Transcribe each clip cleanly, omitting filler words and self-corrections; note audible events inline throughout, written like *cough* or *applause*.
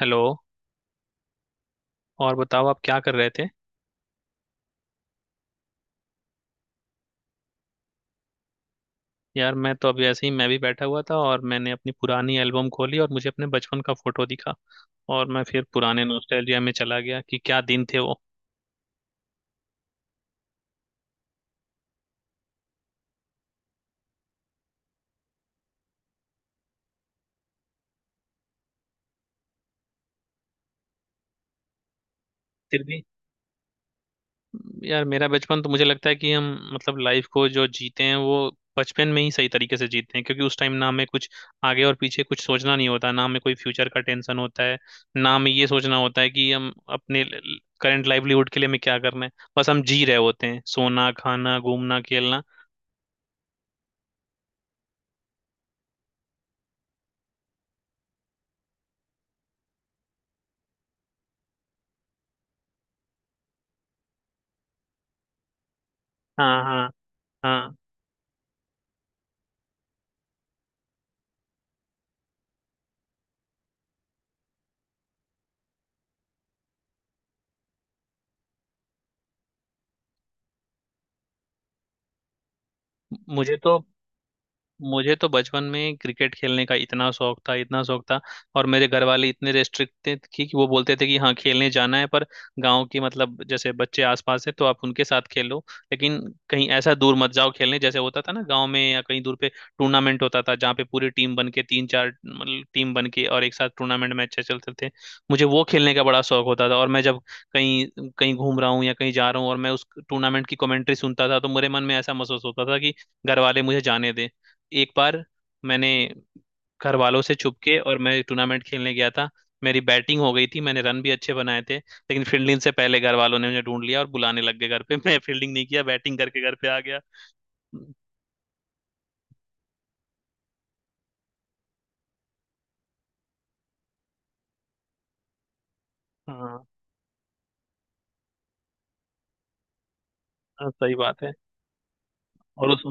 Hello. और बताओ आप क्या कर रहे थे? यार मैं तो अभी ऐसे ही मैं भी बैठा हुआ था और मैंने अपनी पुरानी एल्बम खोली और मुझे अपने बचपन का फोटो दिखा। और मैं फिर पुराने नॉस्टैल्जिया में चला गया कि क्या दिन थे वो। फिर भी यार मेरा बचपन तो मुझे लगता है कि हम मतलब लाइफ को जो जीते हैं वो बचपन में ही सही तरीके से जीते हैं, क्योंकि उस टाइम ना हमें कुछ आगे और पीछे कुछ सोचना नहीं होता, ना हमें कोई फ्यूचर का टेंशन होता है, ना हमें ये सोचना होता है कि हम अपने करंट लाइवलीहुड के लिए हमें क्या करना है। बस हम जी रहे होते हैं, सोना खाना घूमना खेलना। हाँ, हाँ, हाँ। मुझे तो मुझे तो बचपन में क्रिकेट खेलने का इतना शौक था, इतना शौक था। और मेरे घर वाले इतने रेस्ट्रिक्ट थे कि वो बोलते थे कि हाँ खेलने जाना है पर गांव की मतलब जैसे बच्चे आसपास है तो आप उनके साथ खेलो, लेकिन कहीं ऐसा दूर मत जाओ खेलने, जैसे होता था ना गांव में या कहीं दूर पे टूर्नामेंट होता था जहाँ पे पूरी टीम बन के तीन चार मतलब टीम बन के और एक साथ टूर्नामेंट में अच्छे चलते थे। मुझे वो खेलने का बड़ा शौक होता था, और मैं जब कहीं कहीं घूम रहा हूँ या कहीं जा रहा हूँ और मैं उस टूर्नामेंट की कमेंट्री सुनता था, तो मेरे मन में ऐसा महसूस होता था कि घर वाले मुझे जाने दें। एक बार मैंने घर वालों से छुप के और मैं टूर्नामेंट खेलने गया था। मेरी बैटिंग हो गई थी, मैंने रन भी अच्छे बनाए थे, लेकिन फील्डिंग से पहले घर वालों ने मुझे ढूंढ लिया और बुलाने लग गए घर पे। *laughs* मैं फील्डिंग नहीं किया, बैटिंग करके घर पे आ गया। हाँ। हाँ, सही बात है। और उस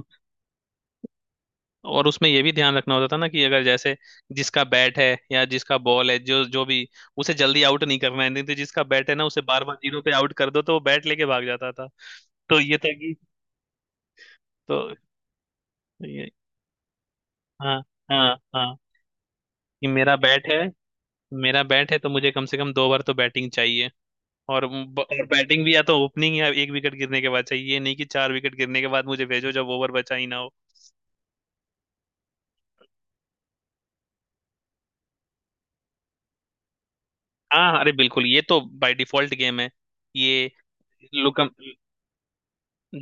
और उसमें ये भी ध्यान रखना होता था ना कि अगर जैसे जिसका बैट है या जिसका बॉल है, जो जो भी, उसे जल्दी आउट नहीं करना है, नहीं तो जिसका बैट है ना उसे बार बार जीरो पे आउट कर दो तो वो बैट लेके भाग जाता था। तो ये था कि। तो ये। हाँ, हाँ, हाँ, कि मेरा बैट है तो मुझे कम से कम दो बार तो बैटिंग चाहिए। और और बैटिंग भी या तो ओपनिंग या एक विकेट गिरने के बाद चाहिए, ये नहीं कि चार विकेट गिरने के बाद मुझे भेजो जब ओवर बचा ही ना हो। हाँ, अरे बिल्कुल ये तो बाय डिफॉल्ट गेम है। ये लुकम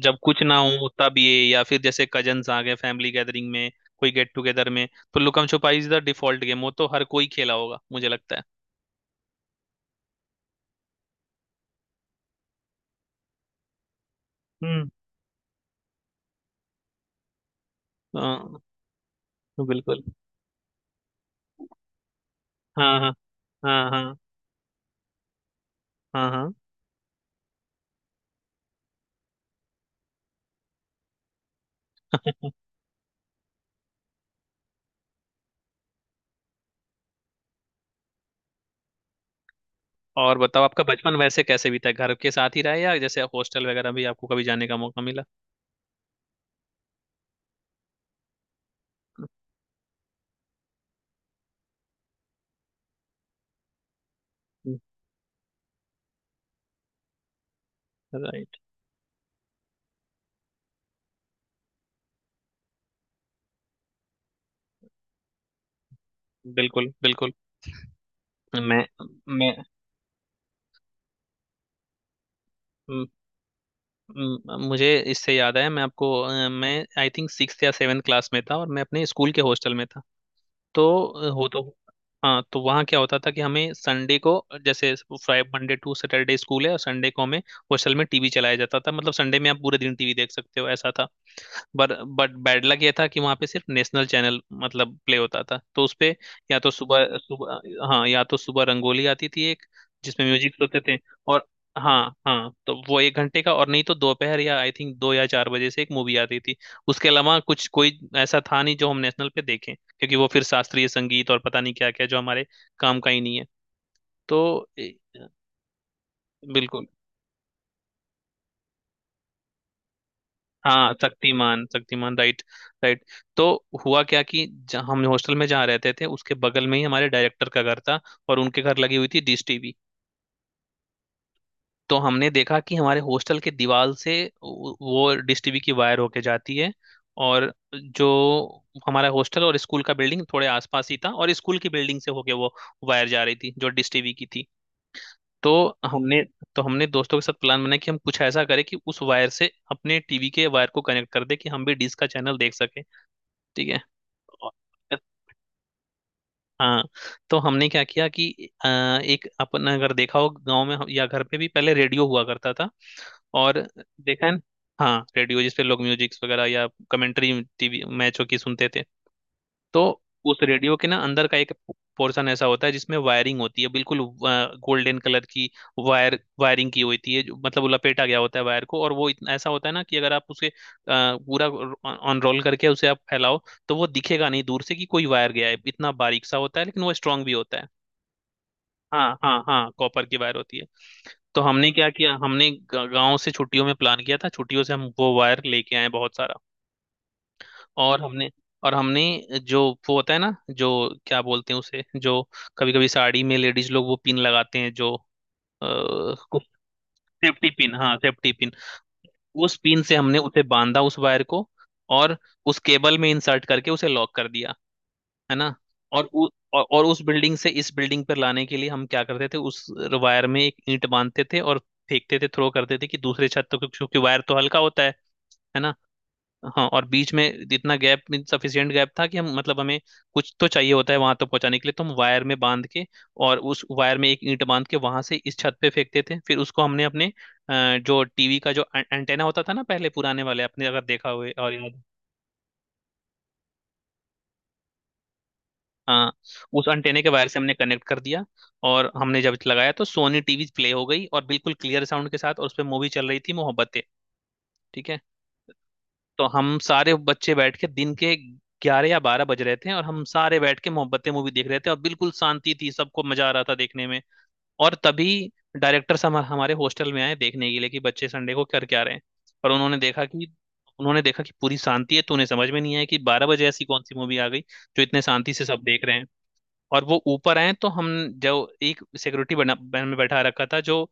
जब कुछ ना हो तब ये, या फिर जैसे कजन्स आ गए फैमिली गैदरिंग में, कोई गेट टुगेदर में, तो लुकम छुपाई इज द डिफॉल्ट गेम, वो तो हर कोई खेला होगा मुझे लगता है। हम्म। हाँ, बिल्कुल। हाँ, हाँ, हाँ, हाँ, हाँ, हाँ। और बताओ आपका बचपन वैसे कैसे बीता? घर के साथ ही रहा या जैसे हॉस्टल वगैरह भी आपको कभी जाने का मौका मिला? राइट। बिल्कुल, बिल्कुल। मैं मैं म- मुझे इससे याद आया। मैं आई थिंक सिक्स या सेवन क्लास में था, और मैं अपने स्कूल के हॉस्टल में था। तो अ, हो तो हाँ, तो वहाँ क्या होता था कि हमें संडे को, जैसे, Friday Monday to Saturday school है और संडे को हमें हॉस्टल में टीवी चलाया जाता था, मतलब संडे में आप पूरे दिन टीवी देख सकते हो, ऐसा था। बट बट बैड लक ये था कि वहां पे सिर्फ नेशनल चैनल मतलब प्ले होता था, तो उसपे या तो सुबह सुबह हाँ या तो सुबह रंगोली आती थी एक, जिसमें म्यूजिक होते थे, और हाँ। हाँ, तो वो एक घंटे का, और नहीं तो दोपहर या आई थिंक दो या चार बजे से एक मूवी आती थी। उसके अलावा कुछ कोई ऐसा था नहीं जो हम नेशनल पे देखें, क्योंकि वो फिर शास्त्रीय संगीत और पता नहीं क्या क्या, जो हमारे काम का ही नहीं है। तो ए, बिल्कुल। हाँ, शक्तिमान, शक्तिमान, राइट, राइट। तो हुआ क्या कि जहाँ हम हॉस्टल में जहाँ रहते थे उसके बगल में ही हमारे डायरेक्टर का घर था, और उनके घर लगी हुई थी डिश टीवी। तो हमने देखा कि हमारे हॉस्टल के दीवार से वो डिश टीवी की वायर होके जाती है, और जो हमारा हॉस्टल और स्कूल का बिल्डिंग थोड़े आसपास ही था, और स्कूल की बिल्डिंग से होके वो वायर जा रही थी जो डिश टीवी की थी। तो हमने तो हमने दोस्तों के साथ प्लान बनाया कि हम कुछ ऐसा करें कि उस वायर से अपने टीवी के वायर को कनेक्ट कर दे कि हम भी डिश का चैनल देख सके। ठीक है। और- हाँ, तो हमने क्या किया कि अ, एक अपन अगर देखा हो गांव में या घर पे भी पहले रेडियो हुआ करता था। और देखा है न- हाँ, रेडियो जिसपे लोग म्यूजिक्स वगैरह या कमेंट्री टीवी मैचों की सुनते थे। तो उस रेडियो के ना अंदर का एक पोर्शन ऐसा होता है जिसमें वायरिंग होती है, बिल्कुल गोल्डन कलर की वायरिंग की होती है, मतलब वो लपेटा गया होता है वायर को, और वो इतना ऐसा होता है ना कि अगर आप उसे पूरा ऑन रोल करके उसे आप फैलाओ तो वो दिखेगा नहीं दूर से कि कोई वायर गया है, इतना बारीक सा होता है, लेकिन वो स्ट्रांग भी होता है। हाँ, हाँ, हाँ, कॉपर की वायर होती है। तो हमने क्या किया, हमने गांव से छुट्टियों में प्लान किया था, छुट्टियों से हम वो वायर लेके आए बहुत सारा। और हमने जो वो होता है ना, जो, क्या बोलते हैं उसे, जो कभी कभी साड़ी में लेडीज लोग वो पिन लगाते हैं, जो कुछ, सेफ्टी पिन, हाँ, सेफ्टी पिन। उस पिन से हमने उसे बांधा उस वायर को, और उस केबल में इंसर्ट करके उसे लॉक कर दिया, है ना। और और उस बिल्डिंग से इस बिल्डिंग पर लाने के लिए हम क्या करते थे, उस वायर में एक ईंट बांधते थे और फेंकते थे, थ्रो करते थे कि दूसरे छत तक, क्योंकि वायर तो हल्का होता है ना। हाँ, और बीच में इतना गैप सफिशिएंट गैप था कि हम मतलब हमें कुछ तो चाहिए होता है वहां तो पहुंचाने के लिए, तो हम वायर में बांध के और उस वायर में एक ईंट बांध के वहां से इस छत पे फेंकते थे, फिर उसको हमने अपने जो टीवी का जो एंटेना होता था ना पहले पुराने वाले, आपने अगर देखा हुए और याद हो, हाँ, उस एंटेने के वायर से हमने कनेक्ट कर दिया। और हमने जब लगाया तो सोनी टीवी प्ले हो गई, और बिल्कुल क्लियर साउंड के साथ, और उस पर मूवी चल रही थी मोहब्बतें। ठीक है। तो हम सारे बच्चे बैठ के दिन के ग्यारह या बारह बज रहे थे, और हम सारे बैठ के मोहब्बतें मूवी देख रहे थे, और बिल्कुल शांति थी, सबको मजा आ रहा था देखने में। और तभी डायरेक्टर हम हमारे हॉस्टल में आए देखने के लिए कि बच्चे संडे को कर क्या रहे हैं। और उन्होंने देखा कि पूरी शांति है, तो उन्हें समझ में नहीं आया कि बारह बजे ऐसी कौन सी मूवी आ गई जो इतने शांति से सब देख रहे हैं। और वो ऊपर आए, तो हम जो एक सिक्योरिटी बना में बैठा रखा था जो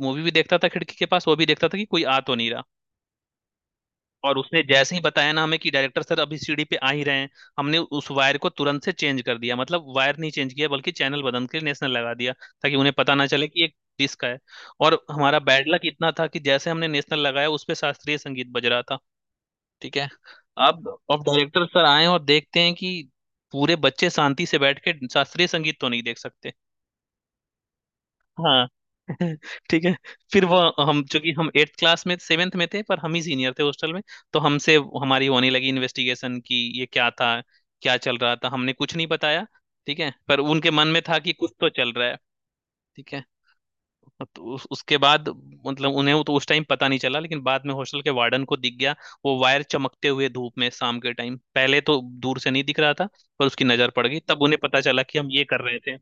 मूवी भी देखता था खिड़की के पास, वो भी देखता था कि कोई आ तो नहीं रहा। और उसने जैसे ही बताया ना हमें कि डायरेक्टर सर अभी सीढ़ी पे आ ही रहे हैं, हमने उस वायर को तुरंत से चेंज कर दिया, मतलब वायर नहीं चेंज किया बल्कि चैनल बदल के नेशनल लगा दिया, ताकि उन्हें पता ना चले कि ये डिश का है। और हमारा बैड लक इतना था कि जैसे हमने नेशनल लगाया, उस पे शास्त्रीय संगीत बज रहा था। ठीक है। अब डायरेक्टर सर आए और देखते हैं कि पूरे बच्चे शांति से बैठ के शास्त्रीय संगीत तो नहीं देख सकते। हाँ। *laughs* ठीक है। फिर वो हम चूंकि हम एट्थ क्लास में सेवेंथ में थे पर हम ही सीनियर थे हॉस्टल में, तो हमसे हमारी होने लगी इन्वेस्टिगेशन की ये क्या था, क्या चल रहा था। हमने कुछ नहीं बताया, ठीक है, पर उनके मन में था कि कुछ तो चल रहा है। ठीक है। तो उसके बाद मतलब उन्हें तो उस टाइम पता नहीं चला, लेकिन बाद में हॉस्टल के वार्डन को दिख गया वो वायर चमकते हुए धूप में शाम के टाइम, पहले तो दूर से नहीं दिख रहा था पर उसकी नजर पड़ गई तब उन्हें पता चला कि हम ये कर रहे थे।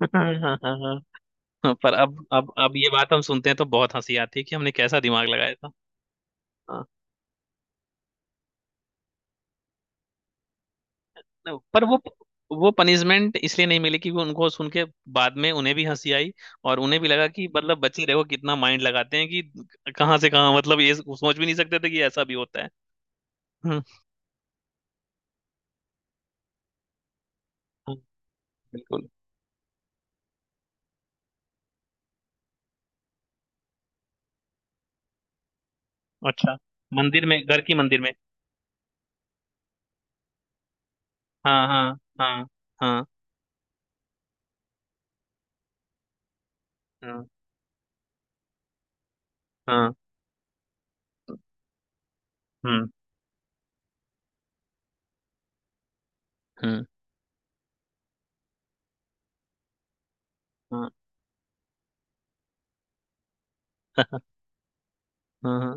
*laughs* हाँ, हाँ, हाँ। *laughs* हाँ, पर अब ये बात हम सुनते हैं तो बहुत हंसी आती है कि हमने कैसा दिमाग लगाया था। हाँ। पर वो पनिशमेंट इसलिए नहीं मिली कि वो उनको सुन के बाद में उन्हें भी हंसी आई, और उन्हें भी लगा कि मतलब बच्चे देखो कितना माइंड लगाते हैं कि कहाँ से कहाँ, मतलब ये सोच भी नहीं सकते थे कि ऐसा भी होता है। हम्म। हाँ, बिल्कुल। अच्छा, मंदिर में? घर की मंदिर में? हाँ, हाँ, हाँ, हाँ, हाँ, हाँ। हम्म। हम्म। हाँ। *laughs* हाँ।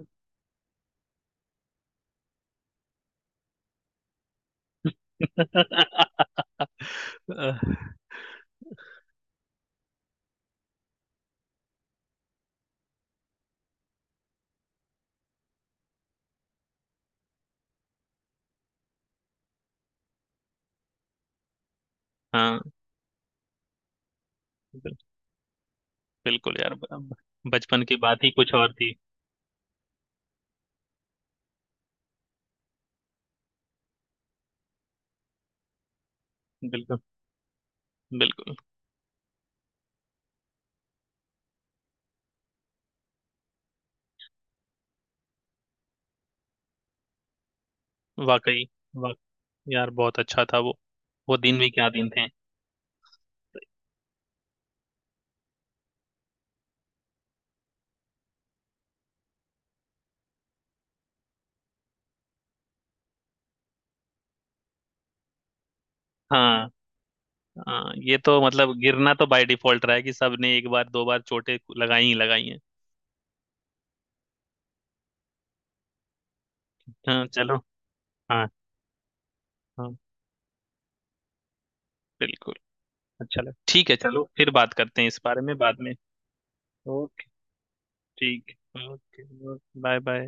हाँ। *laughs* हाँ, बिल्कुल यार। बचपन की बात ही कुछ और थी। बिल्कुल, बिल्कुल। वाकई। वा, यार बहुत अच्छा था वो। वो दिन भी क्या दिन थे। हाँ। हाँ, ये तो मतलब गिरना तो बाय डिफॉल्ट रहा है कि सबने एक बार दो बार चोटें लगाई ही लगाई हैं। हाँ, चलो। हाँ। हाँ। बिल्कुल। अच्छा लग, ठीक है, चलो फिर बात करते हैं इस बारे में बाद में। ओके। ठीक। ओके। Bye, bye.